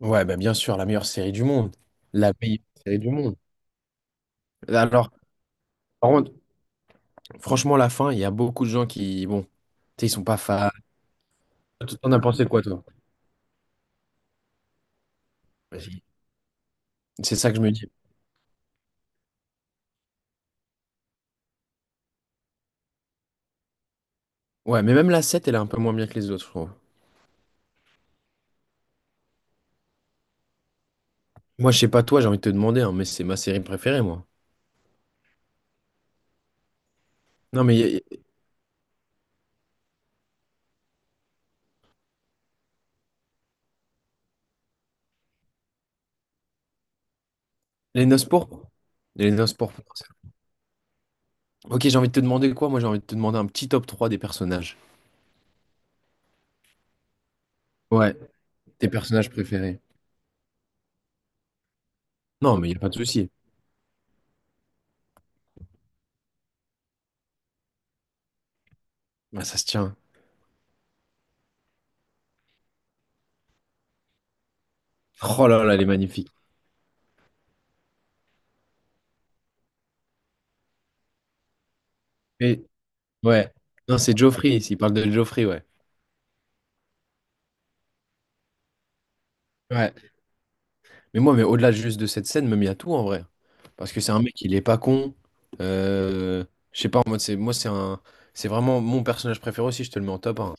Ouais, bah, bien sûr, la meilleure série du monde. La meilleure série du monde. Bah, alors, par contre, franchement, la fin, il y a beaucoup de gens qui, bon, tu sais, ils sont pas fans. T'en as pensé quoi, toi? Vas-y. C'est ça que je me dis. Ouais, mais même la sept elle est un peu moins bien que les autres, je trouve. Moi, je sais pas toi, j'ai envie de te demander, hein, mais c'est ma série préférée, moi. Non, mais les Noces Pourpres. Les Noces Pourpres. Ok, j'ai envie de te demander quoi? Moi, j'ai envie de te demander un petit top 3 des personnages. Ouais, tes personnages préférés. Non, mais il n'y a pas de souci. Bah, ça se tient. Oh là là, elle est magnifique. Et ouais. Non, c'est Joffrey, s'il parle de Joffrey, ouais. Ouais. Mais moi, mais au-delà juste de cette scène, même il y a tout en vrai. Parce que c'est un mec, il est pas con. Euh, je sais pas, en mode, c'est, moi, c'est un, c'est vraiment mon personnage préféré aussi, je te le mets en top 1.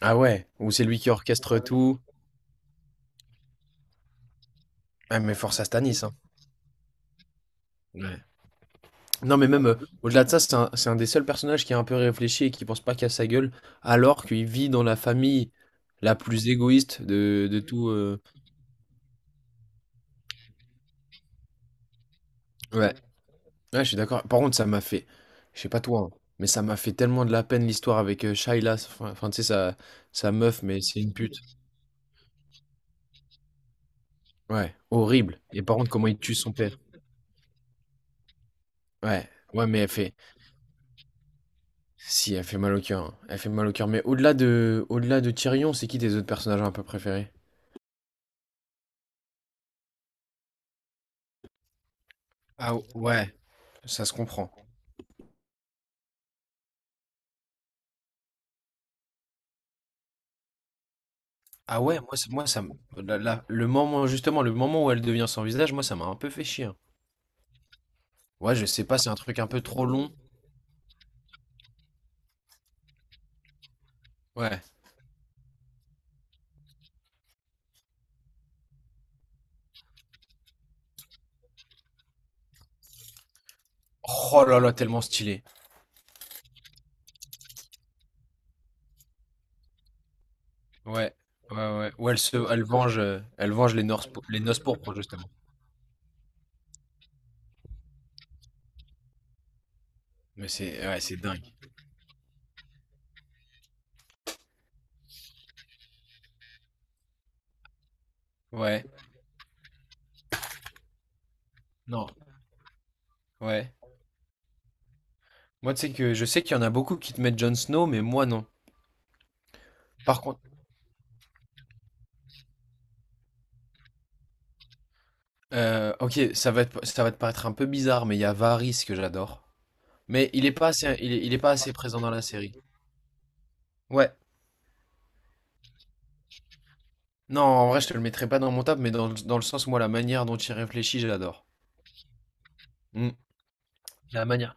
Ah ouais, ou c'est lui qui orchestre tout. Ah, mais force à Stanis hein. Ouais. Non, mais même au-delà de ça, c'est un des seuls personnages qui est un peu réfléchi et qui pense pas qu'à sa gueule, alors qu'il vit dans la famille la plus égoïste de tout. Ouais. Ouais, je suis d'accord. Par contre, ça m'a fait, je sais pas toi, hein, mais ça m'a fait tellement de la peine l'histoire avec Shaila, enfin, tu sais, sa, sa meuf, mais c'est une pute. Ouais, horrible. Et par contre, comment il tue son père. Ouais, ouais, mais elle fait, si, elle fait mal au cœur, hein. Elle fait mal au cœur. Mais au-delà de Tyrion, c'est qui tes autres personnages un peu préférés? Ah ouais, ça se comprend. Ah ouais, moi, c'est- moi ça, me- Là, là, le moment, justement, le moment où elle devient sans visage, moi, ça m'a un peu fait chier, hein. Ouais, je sais pas, c'est un truc un peu trop long. Ouais. Oh là là, tellement stylé. Ouais, ouais, ouais. Ou elle venge les norces les noces pourpres justement. Mais c'est ouais, c'est dingue. Ouais, non, ouais. Moi, tu sais que je sais qu'il y en a beaucoup qui te mettent Jon Snow, mais moi non. Par contre, OK, ça va te paraître un peu bizarre, mais il y a Varys que j'adore. Mais il est pas assez présent dans la série. Ouais. Non, en vrai, je te le mettrai pas dans mon top, mais dans le sens, moi, la manière dont il réfléchit, je l'adore. Mmh. La manière.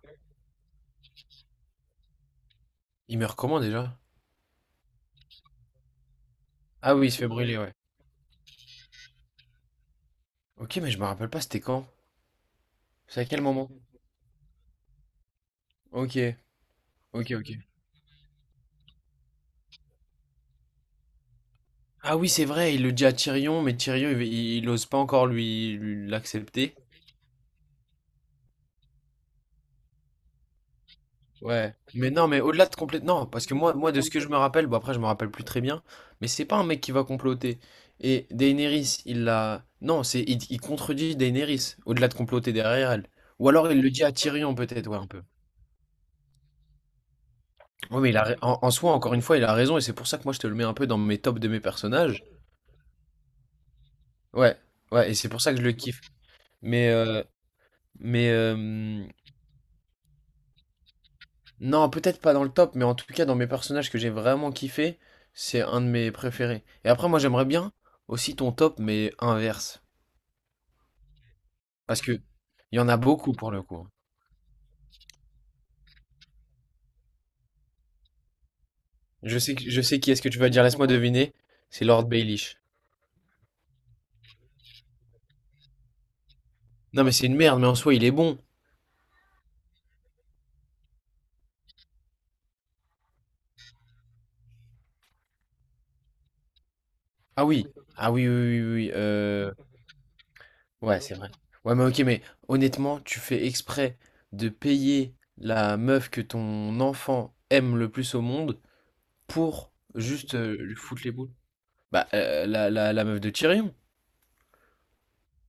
Il meurt comment déjà? Ah oui, il se fait brûler, ouais. OK, mais je me rappelle pas, c'était quand? C'est à quel moment? OK. Ok, ok. Ah oui, c'est vrai, il le dit à Tyrion, mais Tyrion, il ose pas encore l'accepter. Ouais. Mais non, mais au-delà de complètement... Non, parce que moi, moi, de ce que je me rappelle, bon après, je me rappelle plus très bien, mais c'est pas un mec qui va comploter. Et Daenerys, il l'a... Non, c'est il contredit Daenerys, au-delà de comploter derrière elle. Ou alors il le dit à Tyrion, peut-être, ouais, un peu. Ouais, mais en, en soi, encore une fois, il a raison, et c'est pour ça que moi, je te le mets un peu dans mes tops de mes personnages. Ouais, ouais, et c'est pour ça que je le kiffe. Mais, euh, mais, euh, Non, peut-être pas dans le top, mais en tout cas dans mes personnages que j'ai vraiment kiffé, c'est un de mes préférés. Et après, moi j'aimerais bien aussi ton top, mais inverse. Parce que il y en a beaucoup pour le coup. Je sais qui est-ce que tu vas dire, laisse-moi deviner. C'est Lord Baelish. Non, mais c'est une merde, mais en soi il est bon. Ah oui, ah oui, oui, oui. oui, euh, ouais, c'est vrai. Ouais, mais ok, mais honnêtement, tu fais exprès de payer la meuf que ton enfant aime le plus au monde pour juste lui foutre les boules. Bah, la meuf de Tyrion,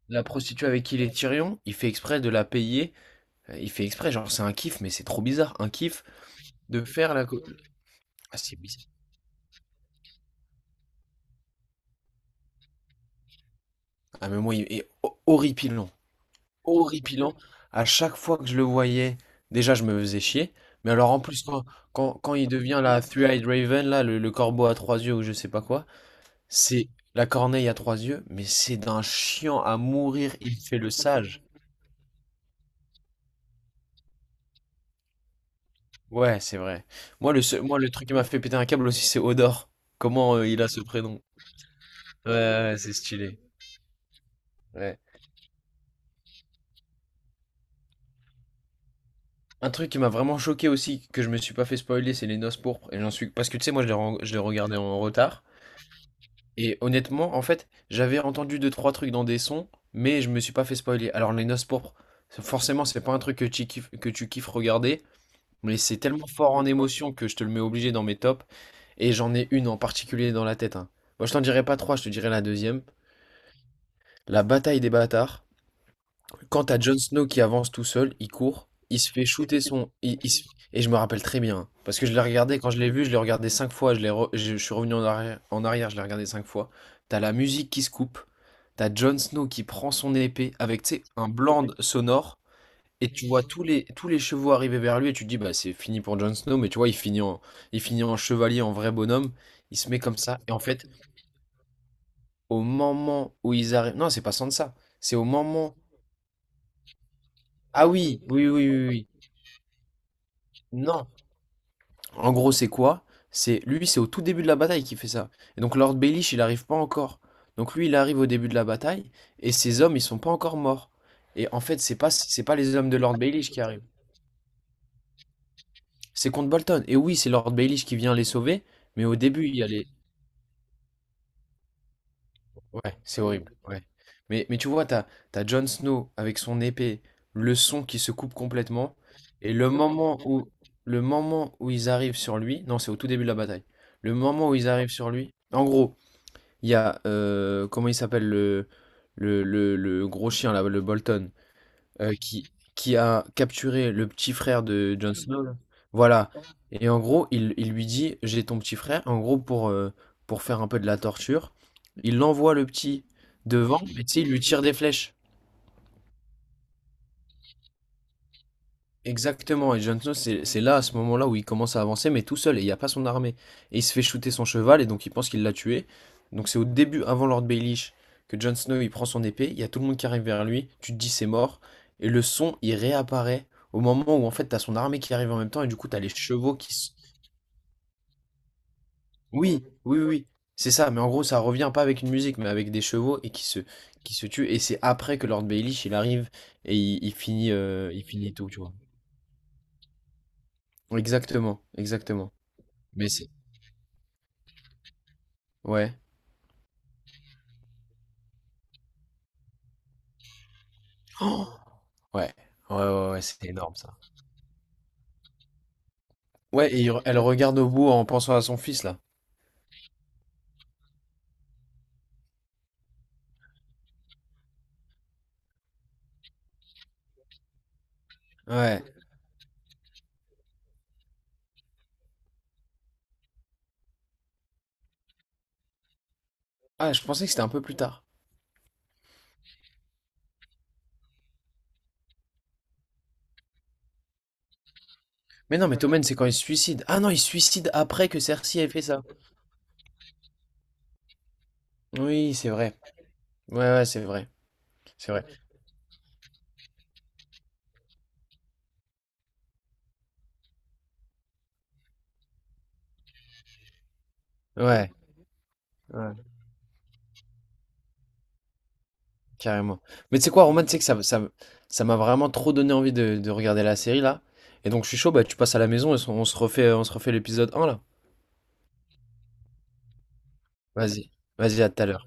la prostituée avec qui il est Tyrion, il fait exprès de la payer, il fait exprès, genre, c'est un kiff, mais c'est trop bizarre, un kiff de faire la co ah c'est bizarre. Ah mais moi, il est ho horripilant, horripilant. À chaque fois que je le voyais, déjà, je me faisais chier, mais alors, en plus, quand il devient la Three-Eyed Raven, là, le corbeau à 3 yeux ou je sais pas quoi, c'est la corneille à 3 yeux, mais c'est d'un chiant à mourir, il fait le sage. Ouais, c'est vrai. Moi, le truc qui m'a fait péter un câble aussi, c'est Odor. Comment il a ce prénom? Ouais, ouais, ouais, c'est stylé. Ouais. Un truc qui m'a vraiment choqué aussi, que je me suis pas fait spoiler, c'est les Noces Pourpres. Et j'en suis... Parce que tu sais, moi, je l'ai regardé en retard. Et honnêtement, en fait, j'avais entendu deux, trois trucs dans des sons, mais je me suis pas fait spoiler. Alors, les Noces Pourpres, c'est- forcément, c'est pas un truc que tu kiffes regarder, mais c'est tellement fort en émotion que je te le mets obligé dans mes tops. Et j'en ai une en particulier dans la tête, hein. Moi, je t'en dirai pas trois, je te dirai la deuxième. La bataille des bâtards. Quand t'as Jon Snow qui avance tout seul, il court, il se fait shooter son... Et je me rappelle très bien, parce que je l'ai regardé, quand je l'ai vu, je l'ai regardé cinq fois, je, l'ai re- je suis revenu en arrière, je l'ai regardé cinq fois. T'as la musique qui se coupe, t'as Jon Snow qui prend son épée avec, tu sais, un blanc sonore, et tu vois tous les chevaux arriver vers lui, et tu te dis, bah c'est fini pour Jon Snow, mais tu vois, il finit en chevalier, en vrai bonhomme, il se met comme ça, et en fait, au moment où ils arrivent... Non, c'est pas Sansa, c'est au moment ah oui, oui, oui, oui, oui. Non. En gros, c'est quoi? C'est lui, c'est au tout début de la bataille qui fait ça. Et donc Lord Baelish, il n'arrive pas encore. Donc lui, il arrive au début de la bataille et ses hommes, ils sont pas encore morts. Et en fait, c'est pas les hommes de Lord Baelish qui arrivent. C'est contre Bolton. Et oui, c'est Lord Baelish qui vient les sauver, mais au début, il y a les ouais, c'est horrible, ouais. Mais tu vois, t'as, t'as Jon Snow avec son épée, le son qui se coupe complètement, et le moment où ils arrivent sur lui, non, c'est au tout début de la bataille, le moment où ils arrivent sur lui, en gros, il y a, comment il s'appelle, le gros chien là, le Bolton, heu, qui qui a capturé le petit frère de Jon Snow là. Voilà et en gros, il lui dit: «J'ai ton petit frère». En gros, pour faire un peu de la torture, il envoie le petit devant, mais tu sais, il lui tire des flèches. Exactement, et Jon Snow, c'est là, à ce moment-là, où il commence à avancer, mais tout seul, et il n'y a pas son armée. Et il se fait shooter son cheval, et donc il pense qu'il l'a tué. Donc c'est au début, avant Lord Baelish, que Jon Snow, il prend son épée, il y a tout le monde qui arrive vers lui, tu te dis c'est mort, et le son, il réapparaît au moment où, en fait, t'as son armée qui arrive en même temps, et du coup, t'as les chevaux qui se... Oui, oui, oui, oui, c'est ça, mais en gros, ça revient pas avec une musique, mais avec des chevaux, et qui se tuent, et c'est après que Lord Baelish, il arrive, et il finit tout, tu vois. Exactement, exactement. Mais c'est... Ouais. Oh ouais. Ouais, ouais, ouais, c'est énorme ça. Ouais, elle regarde au bout en pensant à son fils là. Ouais. Ah, je pensais que c'était un peu plus tard. Mais non, mais Tommen, c'est quand il se suicide. Ah non, il se suicide après que Cersei ait fait ça. Oui, c'est vrai. Ouais, ouais, c'est vrai. C'est vrai. Ouais. Ouais. Carrément. Mais tu sais quoi, Roman, tu sais que ça m'a vraiment trop donné envie de regarder la série là. Et donc je suis chaud, bah tu passes à la maison et on se refait l'épisode un là. Vas-y. Vas-y, à tout à l'heure.